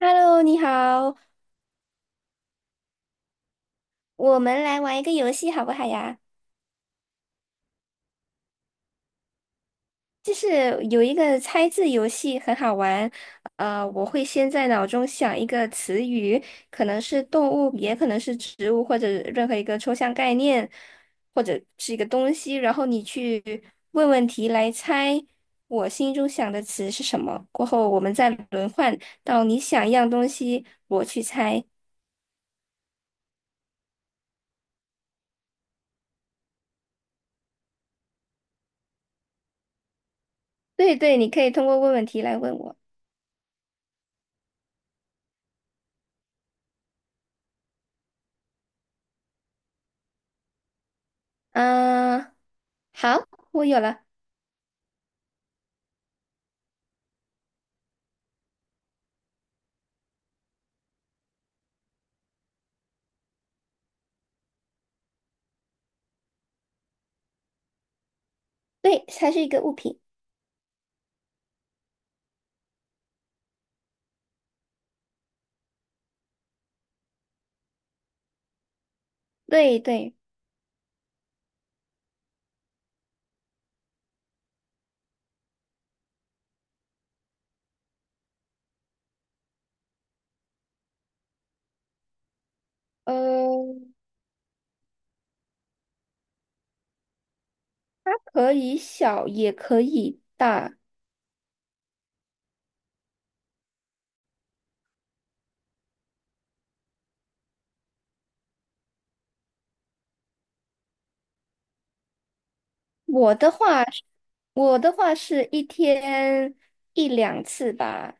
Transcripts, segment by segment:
Hello，你好，我们来玩一个游戏好不好呀？就是有一个猜字游戏很好玩，我会先在脑中想一个词语，可能是动物，也可能是植物，或者任何一个抽象概念，或者是一个东西，然后你去问问题来猜我心中想的词是什么。过后我们再轮换到你想一样东西，我去猜。对对，你可以通过问问题来问我。嗯、好，我有了。对，它是一个物品。对对，呃，它可以小，也可以大。我的话是，我的话是一天一两次吧。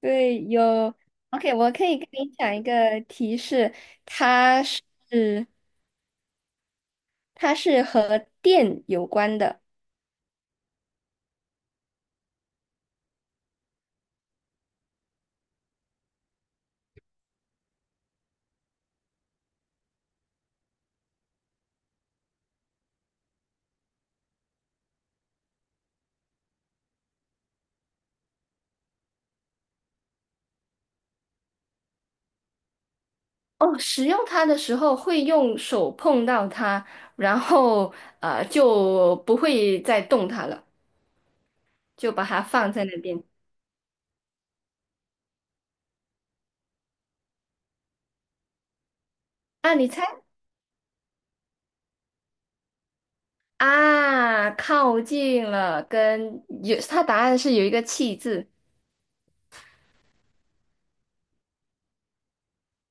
对，有。OK，我可以跟你讲一个提示，它是它是和电有关的。哦，使用它的时候会用手碰到它，然后就不会再动它了，就把它放在那边。啊，你猜？啊，靠近了，跟有，它答案是有一个气字。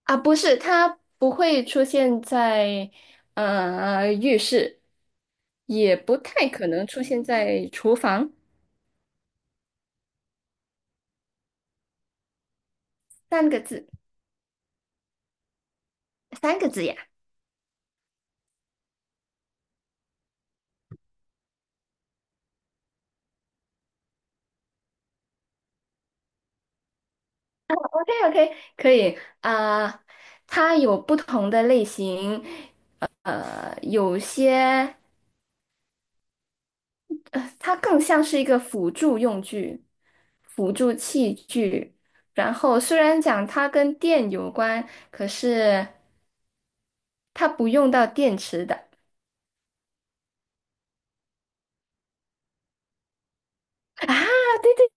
啊，不是，它不会出现在浴室，也不太可能出现在厨房，三个字，三个字呀。OK OK，可以啊，它有不同的类型，呃，有些。它更像是一个辅助用具、辅助器具。然后虽然讲它跟电有关，可是它不用到电池的。对对，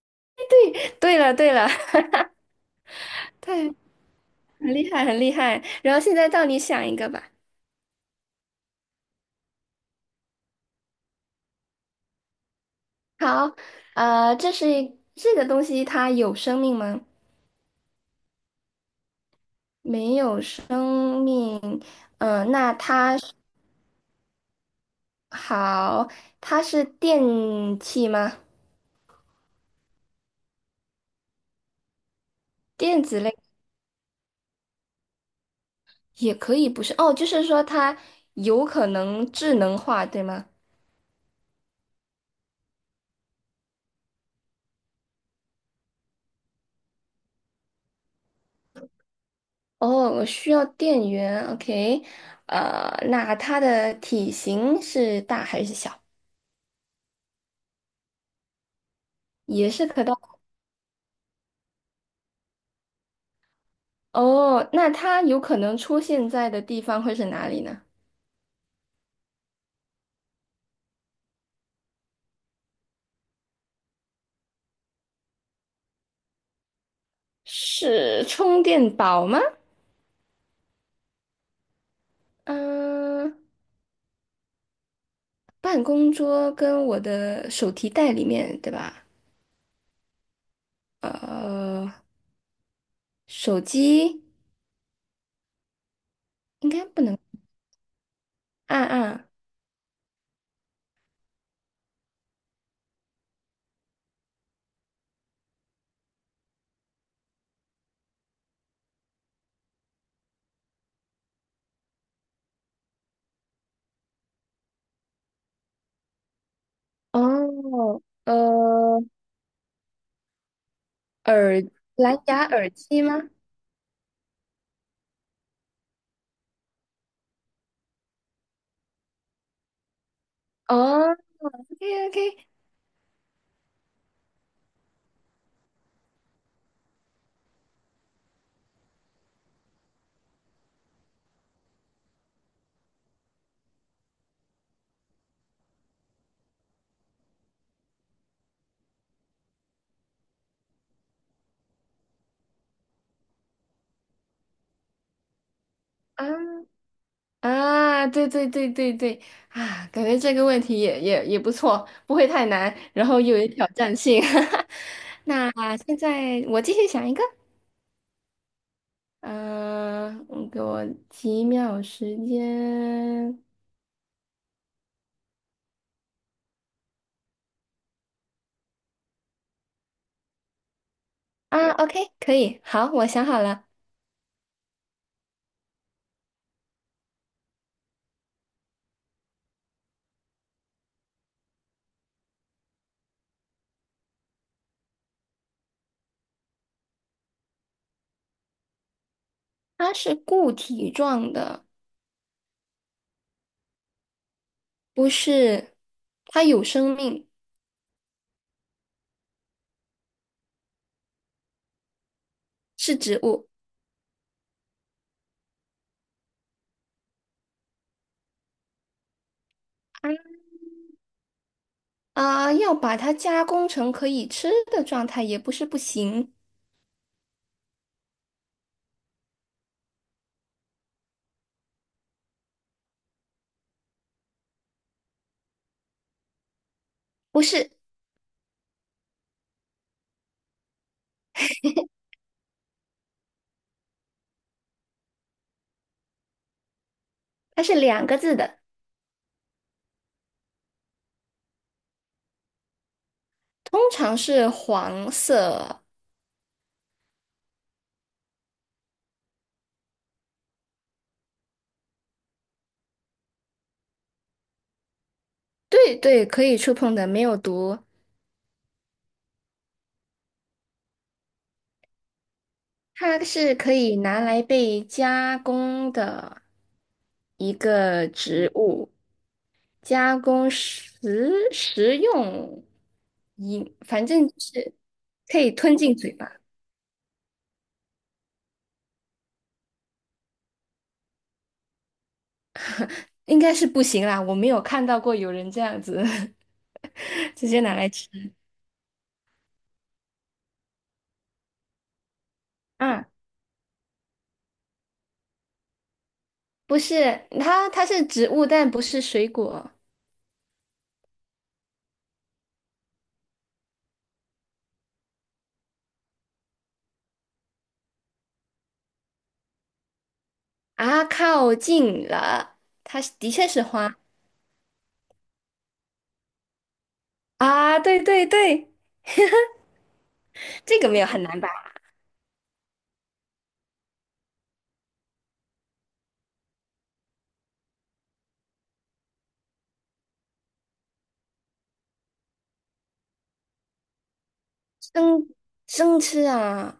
对了对了，对，很厉害很厉害。然后现在到你想一个吧。好，呃，这是一这个东西它有生命吗？没有生命。好，它是电器吗？电子类。也可以不是哦，就是说它有可能智能化，对吗？哦，我需要电源，OK，呃，那它的体型是大还是小？也是可大。哦，那它有可能出现在的地方会是哪里呢？是充电宝吗？嗯、办公桌跟我的手提袋里面，对吧？呃，手机应该不能按按。啊哦，耳蓝牙耳机吗？哦，OK OK，啊啊，对对对对对啊，感觉这个问题也不错，不会太难，然后又有挑战性。那现在我继续想一个，嗯、我给我几秒时间。啊，OK，可以，好，我想好了，它是固体状的，不是，它有生命，是植物。啊，要把它加工成可以吃的状态也不是不行，不是，它是两个字的，通常是黄色。对对，可以触碰的，没有毒，它是可以拿来被加工的一个植物，加工食用饮，反正就是可以吞进嘴巴，应该是不行啦，我没有看到过有人这样子 直接拿来吃啊。不是，它是植物，但不是水果。啊，靠近了，的确是花。啊，对对对，这个没有很难吧？生生吃啊。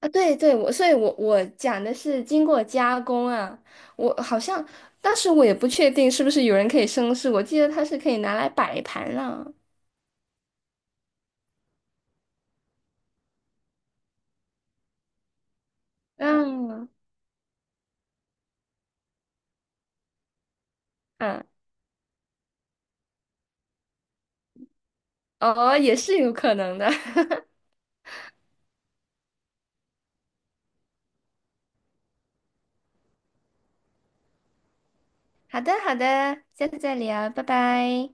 啊！对对，我所以我，我讲的是经过加工啊。我好像当时我也不确定是不是有人可以生吃，我记得它是可以拿来摆盘了。嗯嗯，哦，也是有可能的。好的好的，下次再聊，拜拜。